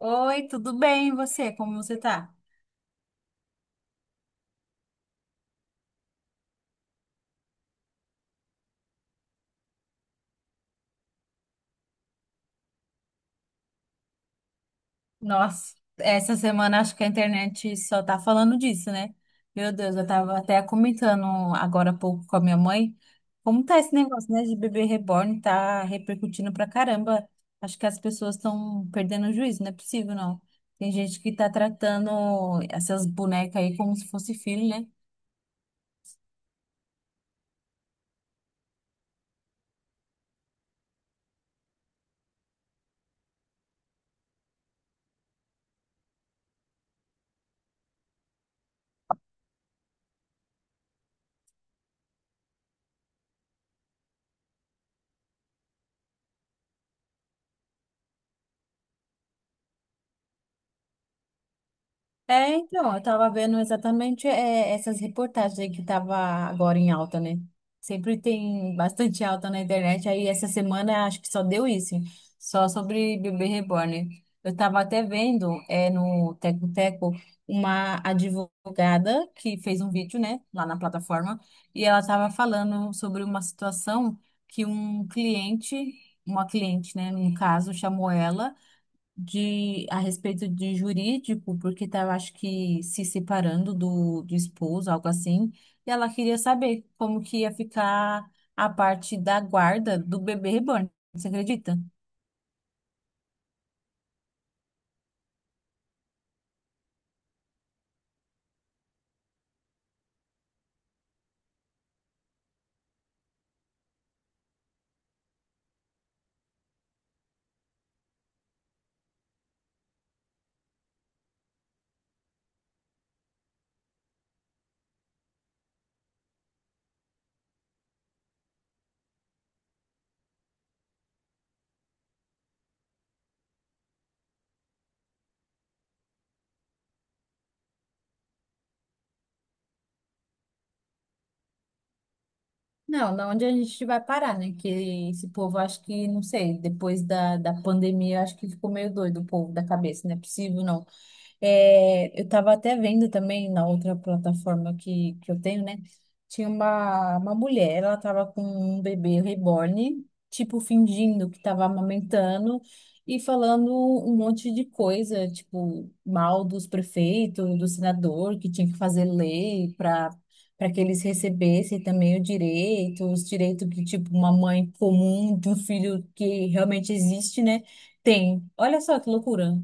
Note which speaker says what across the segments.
Speaker 1: Oi, tudo bem? E você? Como você tá? Nossa, essa semana acho que a internet só tá falando disso, né? Meu Deus, eu tava até comentando agora há pouco com a minha mãe como tá esse negócio, né, de bebê reborn, tá repercutindo pra caramba. Acho que as pessoas estão perdendo o juízo, não é possível, não. Tem gente que tá tratando essas bonecas aí como se fosse filho, né? É, então, eu tava vendo exatamente essas reportagens aí que tava agora em alta, né? Sempre tem bastante alta na internet, aí essa semana acho que só deu isso, só sobre bebê reborn. Eu tava até vendo no Teco Teco uma advogada que fez um vídeo, né, lá na plataforma, e ela tava falando sobre uma situação que uma cliente, né, num caso, chamou ela de a respeito de jurídico, porque estava, acho que, se separando do esposo, algo assim, e ela queria saber como que ia ficar a parte da guarda do bebê reborn. Você acredita? Não, não onde a gente vai parar, né? Que esse povo, acho que, não sei, depois da pandemia, acho que ficou meio doido o povo da cabeça, não é possível, não. É, eu estava até vendo também na outra plataforma que eu tenho, né? Tinha uma mulher, ela estava com um bebê reborn, tipo, fingindo que estava amamentando e falando um monte de coisa, tipo, mal dos prefeitos, do senador, que tinha que fazer lei para que eles recebessem também o direito, os direitos que, tipo, uma mãe comum de um filho que realmente existe, né? Tem. Olha só que loucura.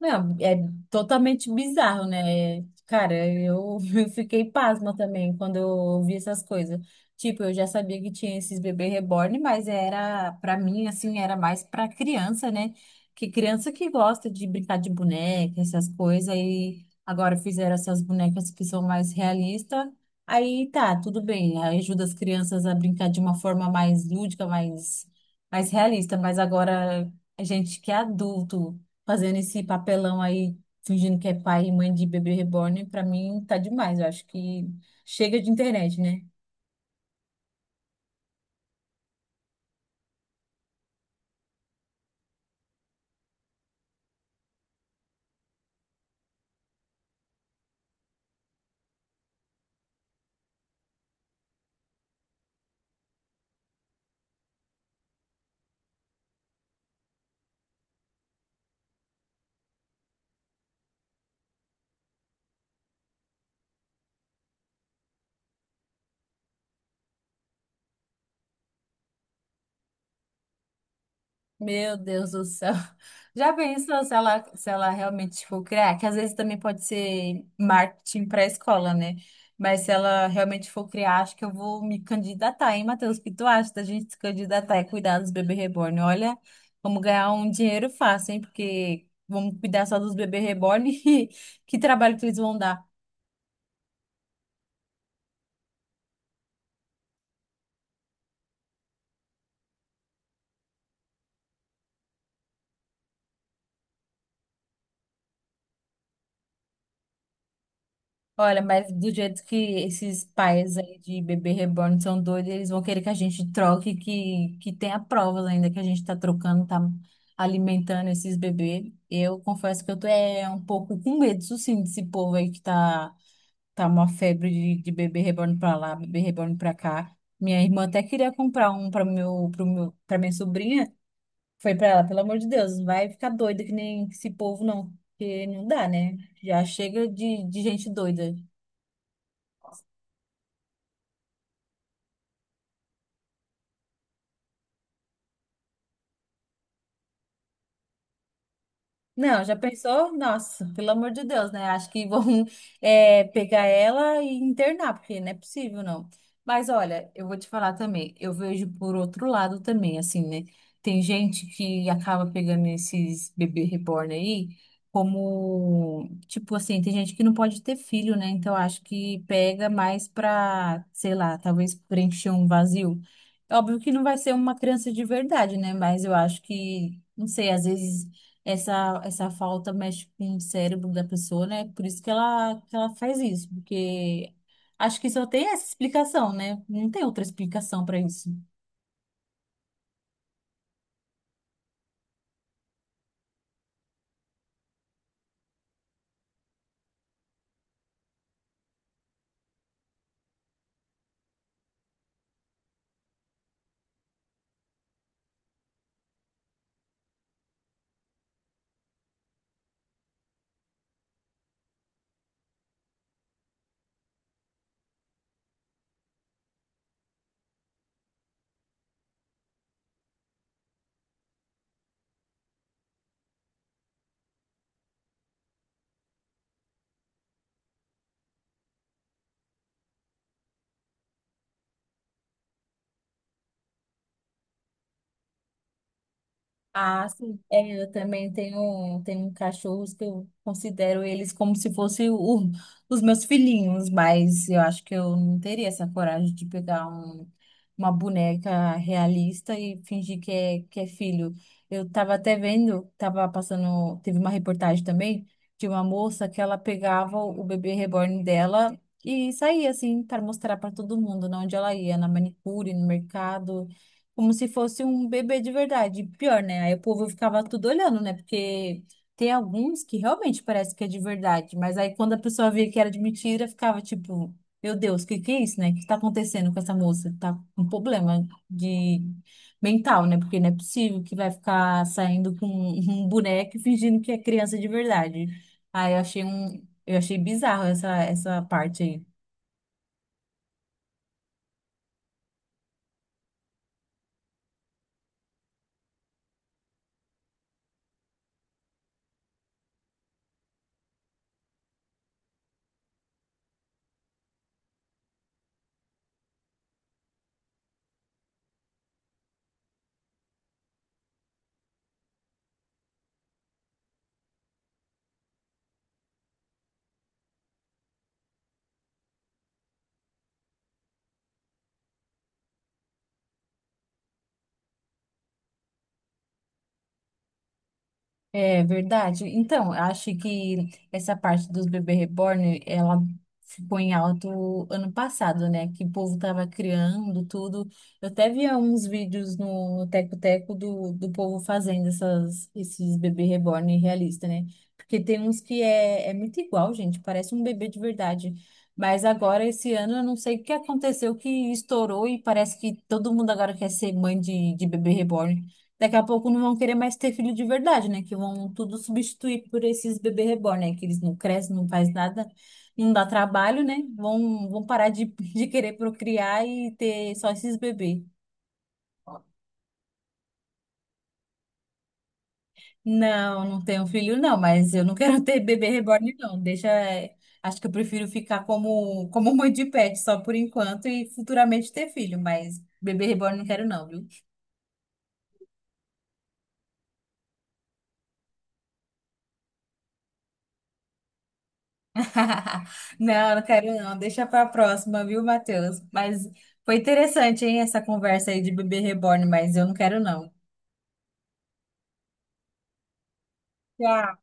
Speaker 1: Não, é totalmente bizarro, né? Cara, eu, eu fiquei pasma também quando eu vi essas coisas. Tipo, eu já sabia que tinha esses bebês reborn, mas era, pra mim, assim, era mais pra criança, né? Que criança que gosta de brincar de boneca, essas coisas, e agora fizeram essas bonecas que são mais realistas. Aí tá, tudo bem, ajuda as crianças a brincar de uma forma mais lúdica, mais realista, mas agora a gente que é adulto fazendo esse papelão aí, fingindo que é pai e mãe de bebê reborn, pra mim tá demais. Eu acho que chega de internet, né? Meu Deus do céu. Já pensou se ela realmente for criar? Que às vezes também pode ser marketing para a escola, né? Mas se ela realmente for criar, acho que eu vou me candidatar, hein, Matheus? O que tu acha da gente se candidatar e cuidar dos bebês reborn? Olha, vamos ganhar um dinheiro fácil, hein? Porque vamos cuidar só dos bebês reborn e que trabalho que eles vão dar. Olha, mas do jeito que esses pais aí de bebê reborn são doidos, eles vão querer que a gente troque, que tenha provas ainda que a gente tá trocando, tá alimentando esses bebês. Eu confesso que eu tô um pouco com medo, isso sim, desse povo aí tá uma febre de bebê reborn pra lá, bebê reborn pra cá. Minha irmã até queria comprar um pra meu, pro meu, pra minha sobrinha. Foi pra ela, pelo amor de Deus, não vai ficar doida que nem esse povo, não. Porque não dá, né? Já chega de gente doida. Não, já pensou? Nossa, pelo amor de Deus, né? Acho que vão pegar ela e internar, porque não é possível, não. Mas olha, eu vou te falar também, eu vejo por outro lado também, assim, né? Tem gente que acaba pegando esses bebê reborn aí como, tipo assim, tem gente que não pode ter filho, né? Então acho que pega mais pra, sei lá, talvez preencher um vazio. É óbvio que não vai ser uma criança de verdade, né? Mas eu acho que, não sei, às vezes essa falta mexe com o cérebro da pessoa, né? Por isso que ela faz isso, porque acho que só tem essa explicação, né? Não tem outra explicação para isso. Ah, sim. É, eu também tenho cachorros que eu considero eles como se fossem o- os meus filhinhos, mas eu acho que eu não teria essa coragem de pegar um- uma boneca realista e fingir que é filho. Eu tava até vendo, tava passando, teve uma reportagem também de uma moça que ela pegava o bebê reborn dela e saía assim para mostrar para todo mundo, né, onde ela ia, na manicure, no mercado como se fosse um bebê de verdade. Pior, né? Aí o povo ficava tudo olhando, né? Porque tem alguns que realmente parece que é de verdade, mas aí quando a pessoa via que era de mentira, ficava tipo, meu Deus, o que que é isso, né? O que tá acontecendo com essa moça? Tá com um problema de mental, né? Porque não é possível que vai ficar saindo com um boneco e fingindo que é criança de verdade. Aí eu achei um, eu achei bizarro essa essa parte aí. É verdade. Então, eu acho que essa parte dos bebê reborn, ela ficou em alto ano passado, né? Que o povo tava criando tudo. Eu até via uns vídeos no Teco Teco do povo fazendo essas, esses bebê reborn realista, né? Porque tem uns que é muito igual, gente, parece um bebê de verdade. Mas agora, esse ano, eu não sei o que aconteceu, que estourou e parece que todo mundo agora quer ser mãe de bebê reborn. Daqui a pouco não vão querer mais ter filho de verdade, né? Que vão tudo substituir por esses bebê reborn, né? Que eles não crescem, não faz nada, não dá trabalho, né? Vão, vão parar de, de querer procriar e ter só esses bebês. Não, não tenho filho, não, mas eu não quero ter bebê reborn, não. Deixa. Acho que eu prefiro ficar como, como mãe de pet só por enquanto e futuramente ter filho, mas bebê reborn não quero, não, viu? Não, não quero não. Deixa pra próxima, viu, Matheus? Mas foi interessante, hein, essa conversa aí de bebê reborn, mas eu não quero não. Tchau.